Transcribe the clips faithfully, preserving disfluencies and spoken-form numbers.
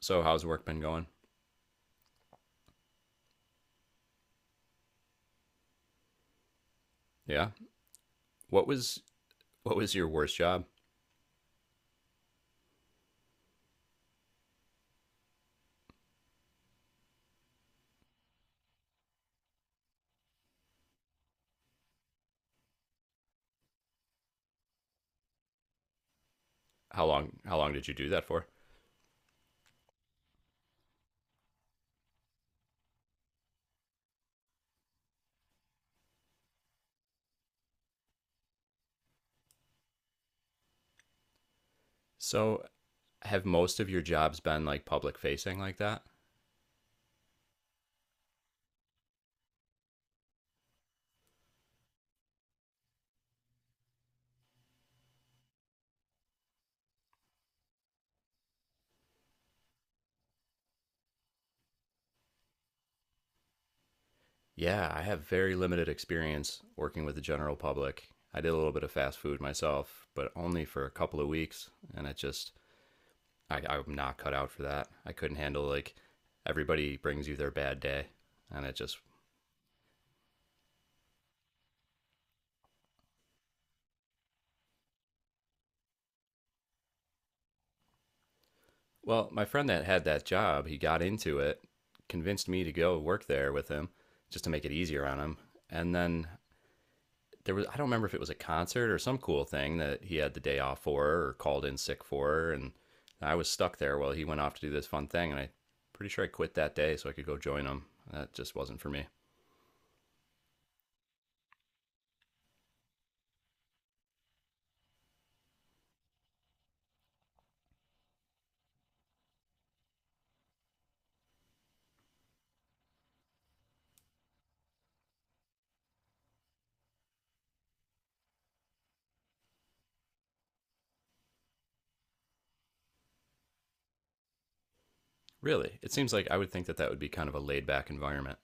So how's work been going? Yeah. What was what was your worst job? How long how long did you do that for? So have most of your jobs been like public facing like that? Yeah, I have very limited experience working with the general public. I did a little bit of fast food myself, but only for a couple of weeks, and it just I, I'm not cut out for that. I couldn't handle like everybody brings you their bad day, and it just Well, my friend that had that job, he got into it, convinced me to go work there with him just to make it easier on him. And then there was, I don't remember if it was a concert or some cool thing that he had the day off for or called in sick for. And I was stuck there while he went off to do this fun thing. And I am pretty sure I quit that day so I could go join him. That just wasn't for me. Really, it seems like I would think that that would be kind of a laid back environment.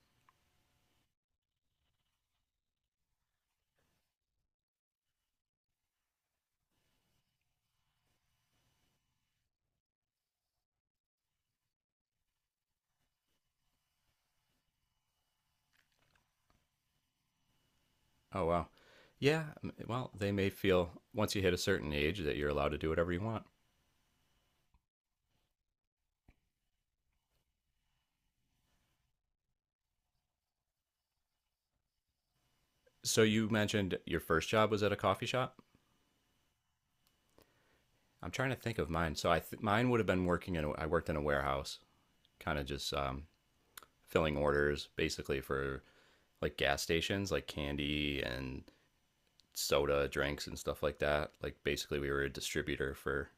Oh, wow. Yeah, well, they may feel once you hit a certain age that you're allowed to do whatever you want. So you mentioned your first job was at a coffee shop. I'm trying to think of mine. So I th- mine would have been working in a, I worked in a warehouse, kind of just um, filling orders basically for like gas stations, like candy and soda drinks and stuff like that. Like basically we were a distributor for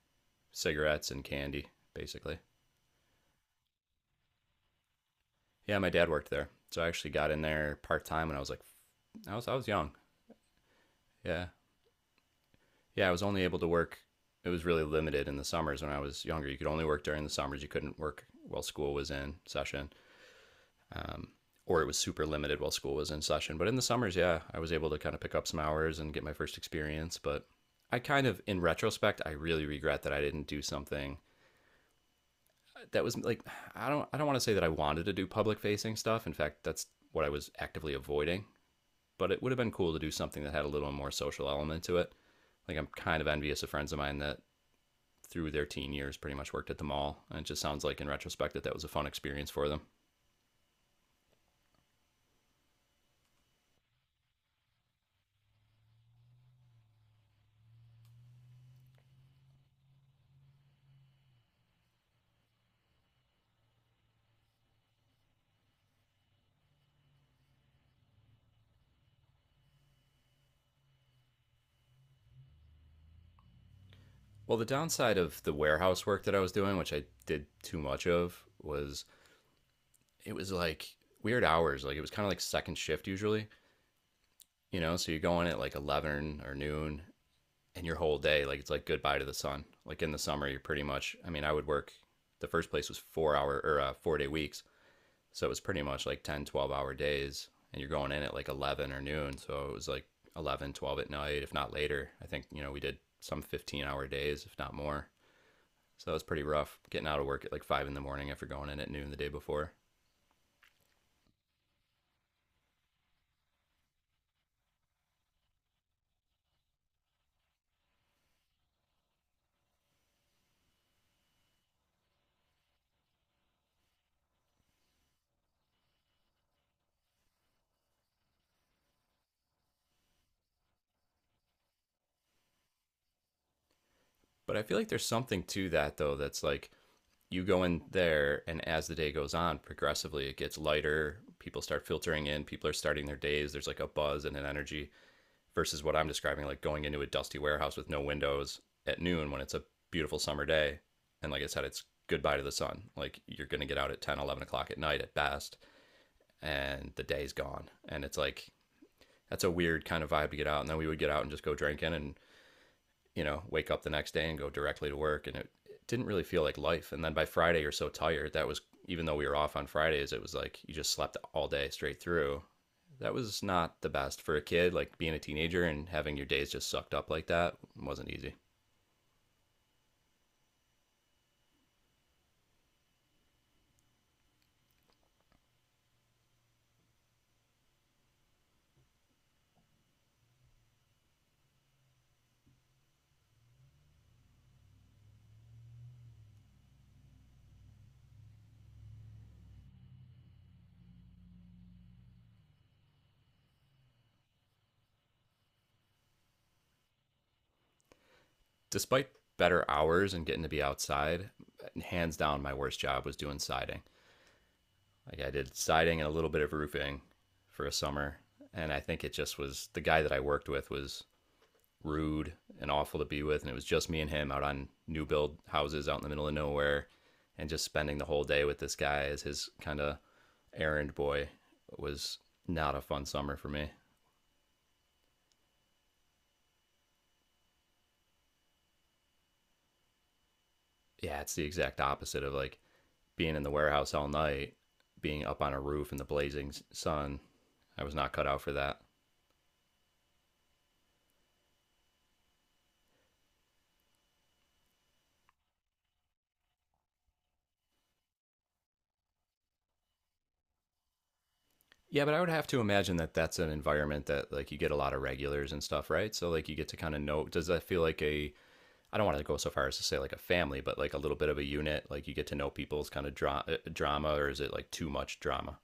cigarettes and candy basically. Yeah, my dad worked there. So I actually got in there part-time when I was like I was I was young. Yeah. Yeah, I was only able to work. It was really limited in the summers when I was younger. You could only work during the summers. You couldn't work while school was in session, um, or it was super limited while school was in session. But in the summers, yeah, I was able to kind of pick up some hours and get my first experience. But I kind of, in retrospect, I really regret that I didn't do something that was like I don't I don't want to say that I wanted to do public facing stuff. In fact, that's what I was actively avoiding. But it would have been cool to do something that had a little more social element to it. Like I'm kind of envious of friends of mine that through their teen years pretty much worked at the mall. And it just sounds like in retrospect that that was a fun experience for them. Well, the downside of the warehouse work that I was doing, which I did too much of, was it was like weird hours. Like it was kind of like second shift usually, you know? So you go in at like eleven or noon and your whole day, like it's like goodbye to the sun. Like in the summer, you're pretty much, I mean, I would work, the first place was four hour or uh, four day weeks. So it was pretty much like ten, twelve hour days. And you're going in at like eleven or noon. So it was like eleven, twelve at night, if not later. I think, you know, we did some fifteen hour days, if not more. So it was pretty rough getting out of work at like five in the morning after going in at noon the day before. But I feel like there's something to that though that's like you go in there and as the day goes on, progressively it gets lighter. People start filtering in, people are starting their days. There's like a buzz and an energy, versus what I'm describing, like going into a dusty warehouse with no windows at noon when it's a beautiful summer day. And like I said, it's goodbye to the sun. Like you're going to get out at ten, eleven o'clock at night at best, and the day's gone. And it's like, that's a weird kind of vibe to get out. And then we would get out and just go drinking and, you know, wake up the next day and go directly to work. And it, it didn't really feel like life. And then by Friday, you're so tired. That was, even though we were off on Fridays, it was like you just slept all day straight through. That was not the best for a kid. Like being a teenager and having your days just sucked up like that wasn't easy. Despite better hours and getting to be outside, hands down, my worst job was doing siding. Like I did siding and a little bit of roofing for a summer. And I think it just was the guy that I worked with was rude and awful to be with. And it was just me and him out on new build houses out in the middle of nowhere and just spending the whole day with this guy as his kind of errand boy was not a fun summer for me. Yeah, it's the exact opposite of like being in the warehouse all night, being up on a roof in the blazing sun. I was not cut out for that. Yeah, but I would have to imagine that that's an environment that like you get a lot of regulars and stuff, right? So like you get to kind of know does that feel like a I don't want to go so far as to say like a family, but like a little bit of a unit. Like you get to know people's kind of dra- uh, drama, or is it like too much drama?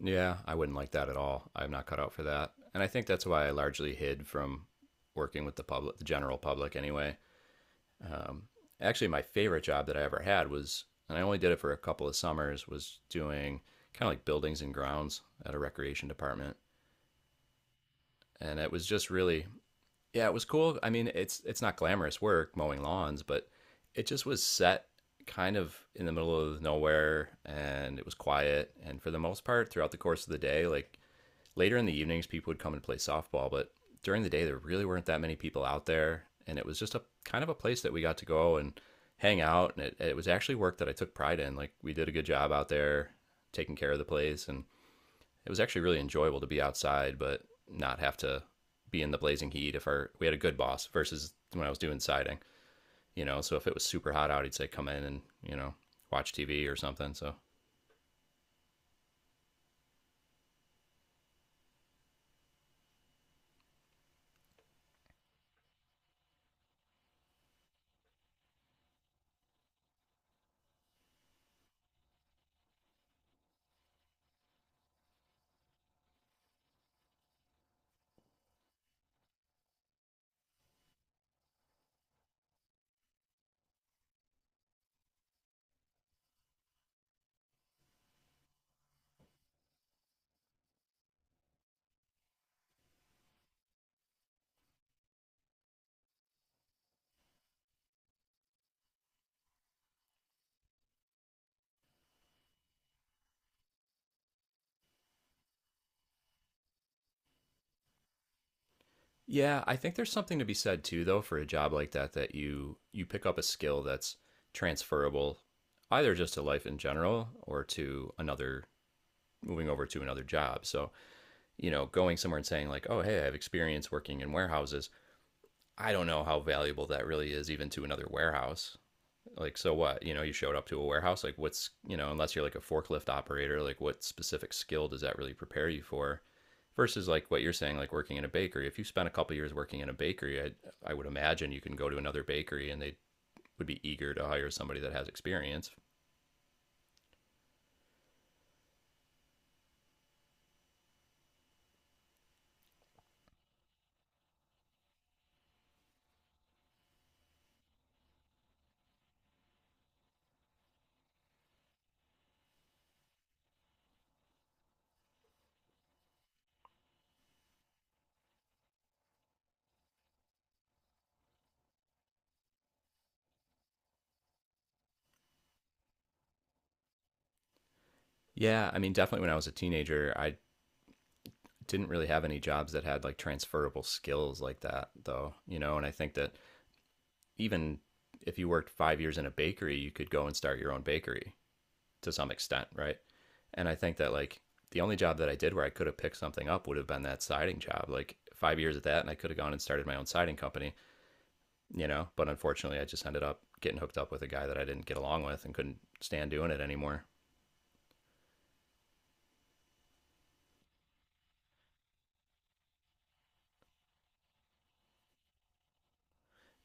Yeah, I wouldn't like that at all. I'm not cut out for that, and I think that's why I largely hid from working with the public, the general public, anyway. Um, Actually, my favorite job that I ever had was, and I only did it for a couple of summers, was doing kind of like buildings and grounds at a recreation department, and it was just really yeah, it was cool. I mean, it's it's not glamorous work mowing lawns, but it just was set kind of in the middle of nowhere and it was quiet and for the most part throughout the course of the day, like later in the evenings people would come and play softball, but during the day there really weren't that many people out there and it was just a kind of a place that we got to go and hang out and it, it was actually work that I took pride in. Like we did a good job out there taking care of the place and it was actually really enjoyable to be outside, but not have to be in the blazing heat. If our We had a good boss versus when I was doing siding, you know. So if it was super hot out, he'd say come in and, you know, watch T V or something. So yeah, I think there's something to be said too, though, for a job like that that you you pick up a skill that's transferable, either just to life in general or to another moving over to another job. So, you know, going somewhere and saying like, oh hey, I have experience working in warehouses. I don't know how valuable that really is even to another warehouse. Like so what, you know, you showed up to a warehouse like what's, you know, unless you're like a forklift operator, like what specific skill does that really prepare you for versus like what you're saying, like working in a bakery. If you spent a couple of years working in a bakery, I, I would imagine you can go to another bakery and they would be eager to hire somebody that has experience. Yeah, I mean, definitely when I was a teenager I didn't really have any jobs that had like transferable skills like that, though, you know. And I think that even if you worked five years in a bakery you could go and start your own bakery to some extent, right? And I think that like the only job that I did where I could have picked something up would have been that siding job. Like five years at that, and I could have gone and started my own siding company, you know. But unfortunately, I just ended up getting hooked up with a guy that I didn't get along with and couldn't stand doing it anymore.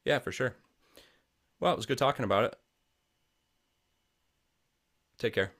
Yeah, for sure. Well, it was good talking about it. Take care.